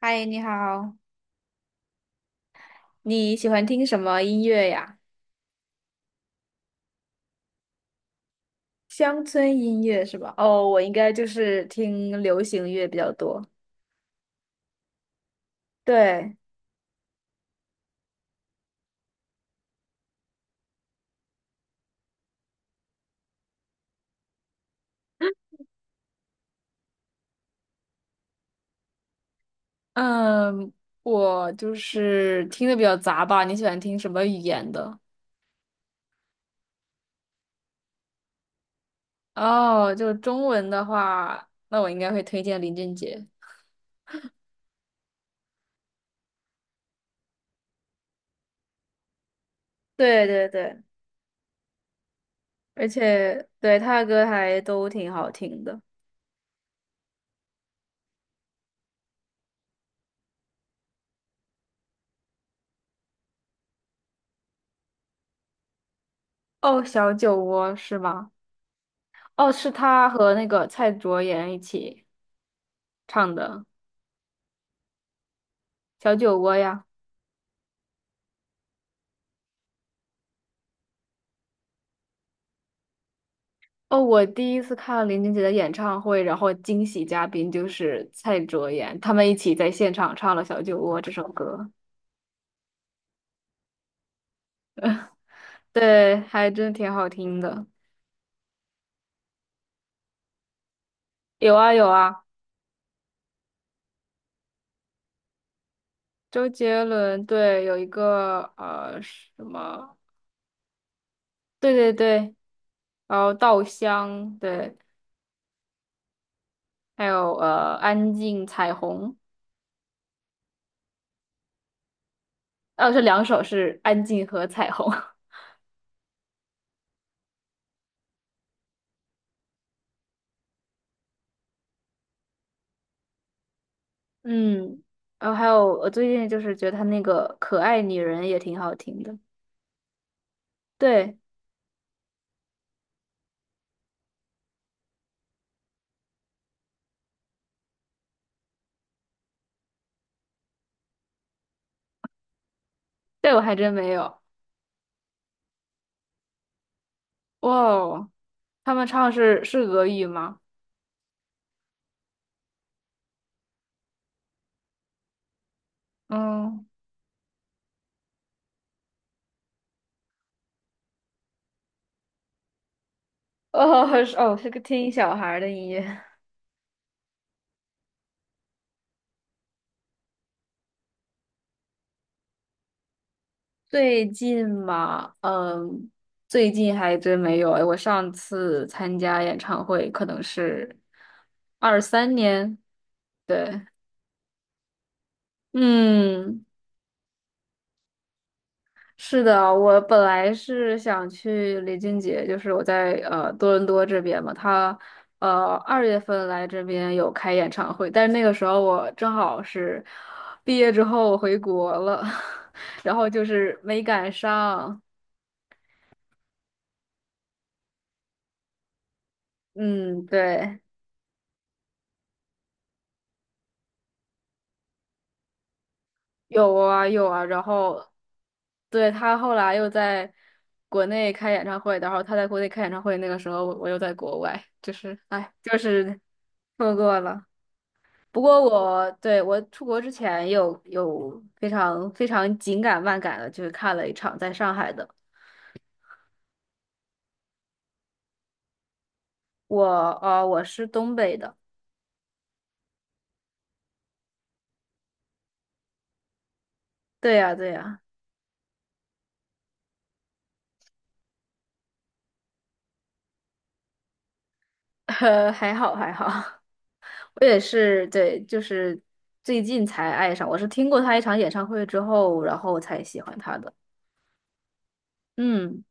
嗨，你好，你喜欢听什么音乐呀？乡村音乐是吧？哦，我应该就是听流行乐比较多。对，嗯，我就是听的比较杂吧。你喜欢听什么语言的？哦，就中文的话，那我应该会推荐林俊杰。对对对，而且对他的歌还都挺好听的。哦，小酒窝是吗？哦，是他和那个蔡卓妍一起唱的《小酒窝》呀。哦，我第一次看林俊杰的演唱会，然后惊喜嘉宾就是蔡卓妍，他们一起在现场唱了《小酒窝》这首歌，对，还真挺好听的。有啊有啊，周杰伦对，有一个什么，对对对，然后《稻香》对，还有《安静》《彩虹》，哦，这两首是《安静》和《彩虹》，嗯，然后还有我最近就是觉得他那个《可爱女人》也挺好听的。对，这我还真没有。哇哦，他们唱是俄语吗？嗯，哦是哦，是个听小孩儿的音乐。最近嘛，嗯，最近还真没有。哎，我上次参加演唱会可能是23年，对，嗯。是的，我本来是想去李俊杰，就是我在多伦多这边嘛，他2月份来这边有开演唱会，但是那个时候我正好是毕业之后我回国了，然后就是没赶上。嗯，对，有啊有啊，然后对他后来又在国内开演唱会，然后他在国内开演唱会，那个时候我又在国外，就是哎，就是错过了。不过我对我出国之前有非常非常紧赶慢赶的，就是看了一场在上海的。我我是东北的，对呀对呀，还好还好，我也是对，就是最近才爱上，我是听过他一场演唱会之后，然后才喜欢他的。嗯。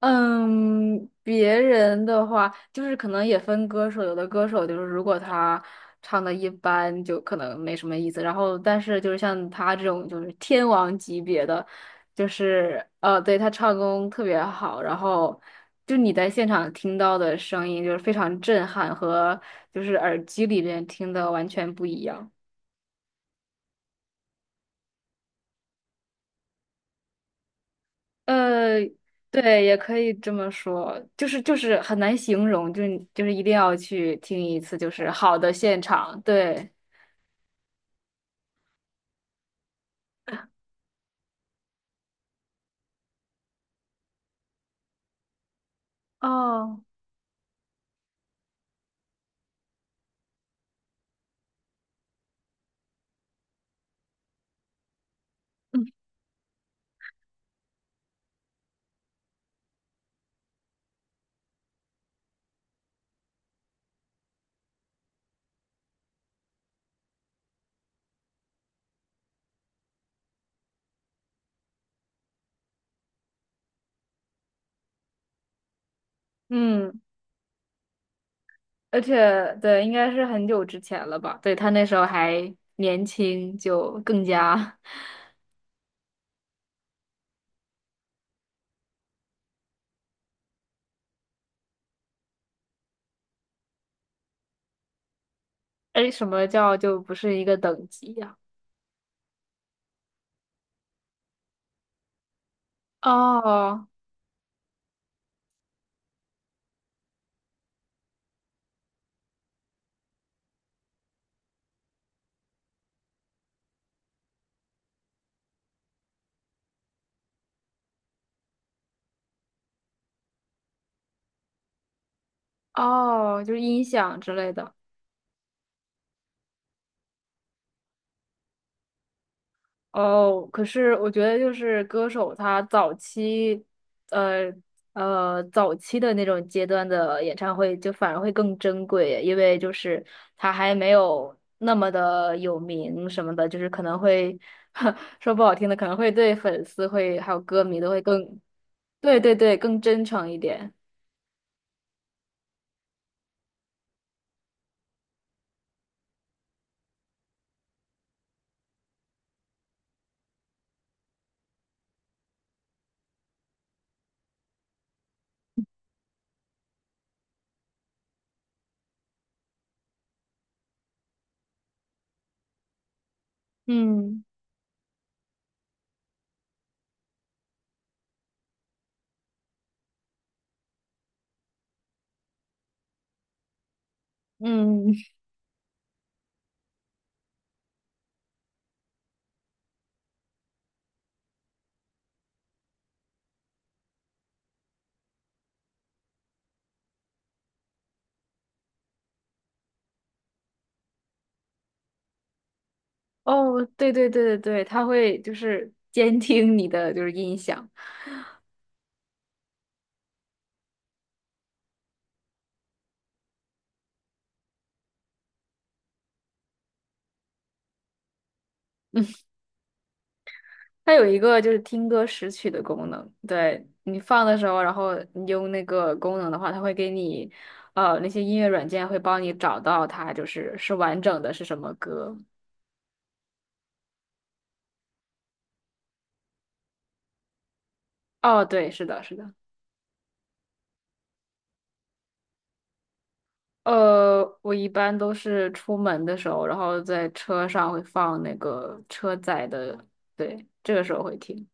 嗯，别人的话就是可能也分歌手，有的歌手就是如果他唱的一般，就可能没什么意思。然后，但是就是像他这种就是天王级别的，就是对他唱功特别好，然后就你在现场听到的声音就是非常震撼，和就是耳机里面听的完全不一样。呃，对，也可以这么说，就是很难形容，就是一定要去听一次，就是好的现场，对，哦，嗯嗯，而且对，应该是很久之前了吧？对，他那时候还年轻，就更加，哎，什么叫就不是一个等级呀、哦哦，就是音响之类的。哦，可是我觉得就是歌手他早期，呃早期的那种阶段的演唱会就反而会更珍贵，因为就是他还没有那么的有名什么的，就是可能会 说不好听的，可能会对粉丝会还有歌迷都会更，对对对，更真诚一点。嗯嗯，哦，对对对对对，他会就是监听你的就是音响。它有一个就是听歌识曲的功能，对你放的时候，然后你用那个功能的话，它会给你，那些音乐软件会帮你找到它，就是完整的是什么歌。哦，对，是的，是的。我一般都是出门的时候，然后在车上会放那个车载的，对，这个时候会听。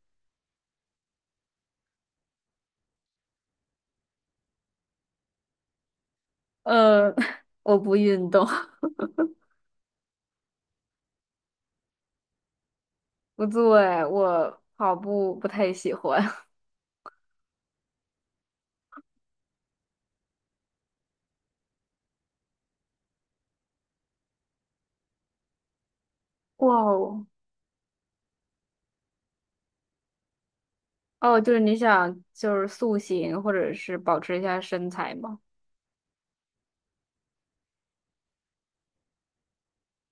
呃，我不运动，不对，哎我跑步不太喜欢。哇哦！哦，就是你想就是塑形或者是保持一下身材吗？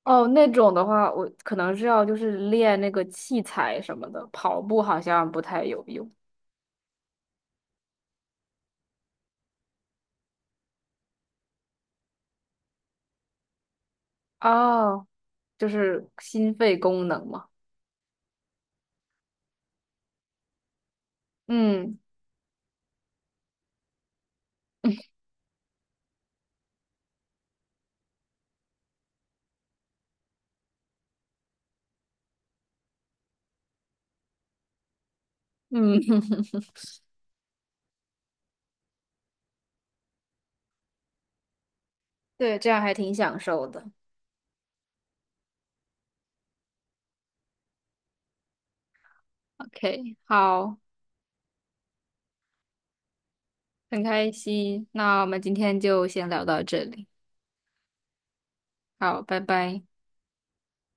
哦，那种的话，我可能是要就是练那个器材什么的，跑步好像不太有用。哦，就是心肺功能嘛。嗯嗯，对，这样还挺享受的。OK，好，很开心。那我们今天就先聊到这里。好，拜拜。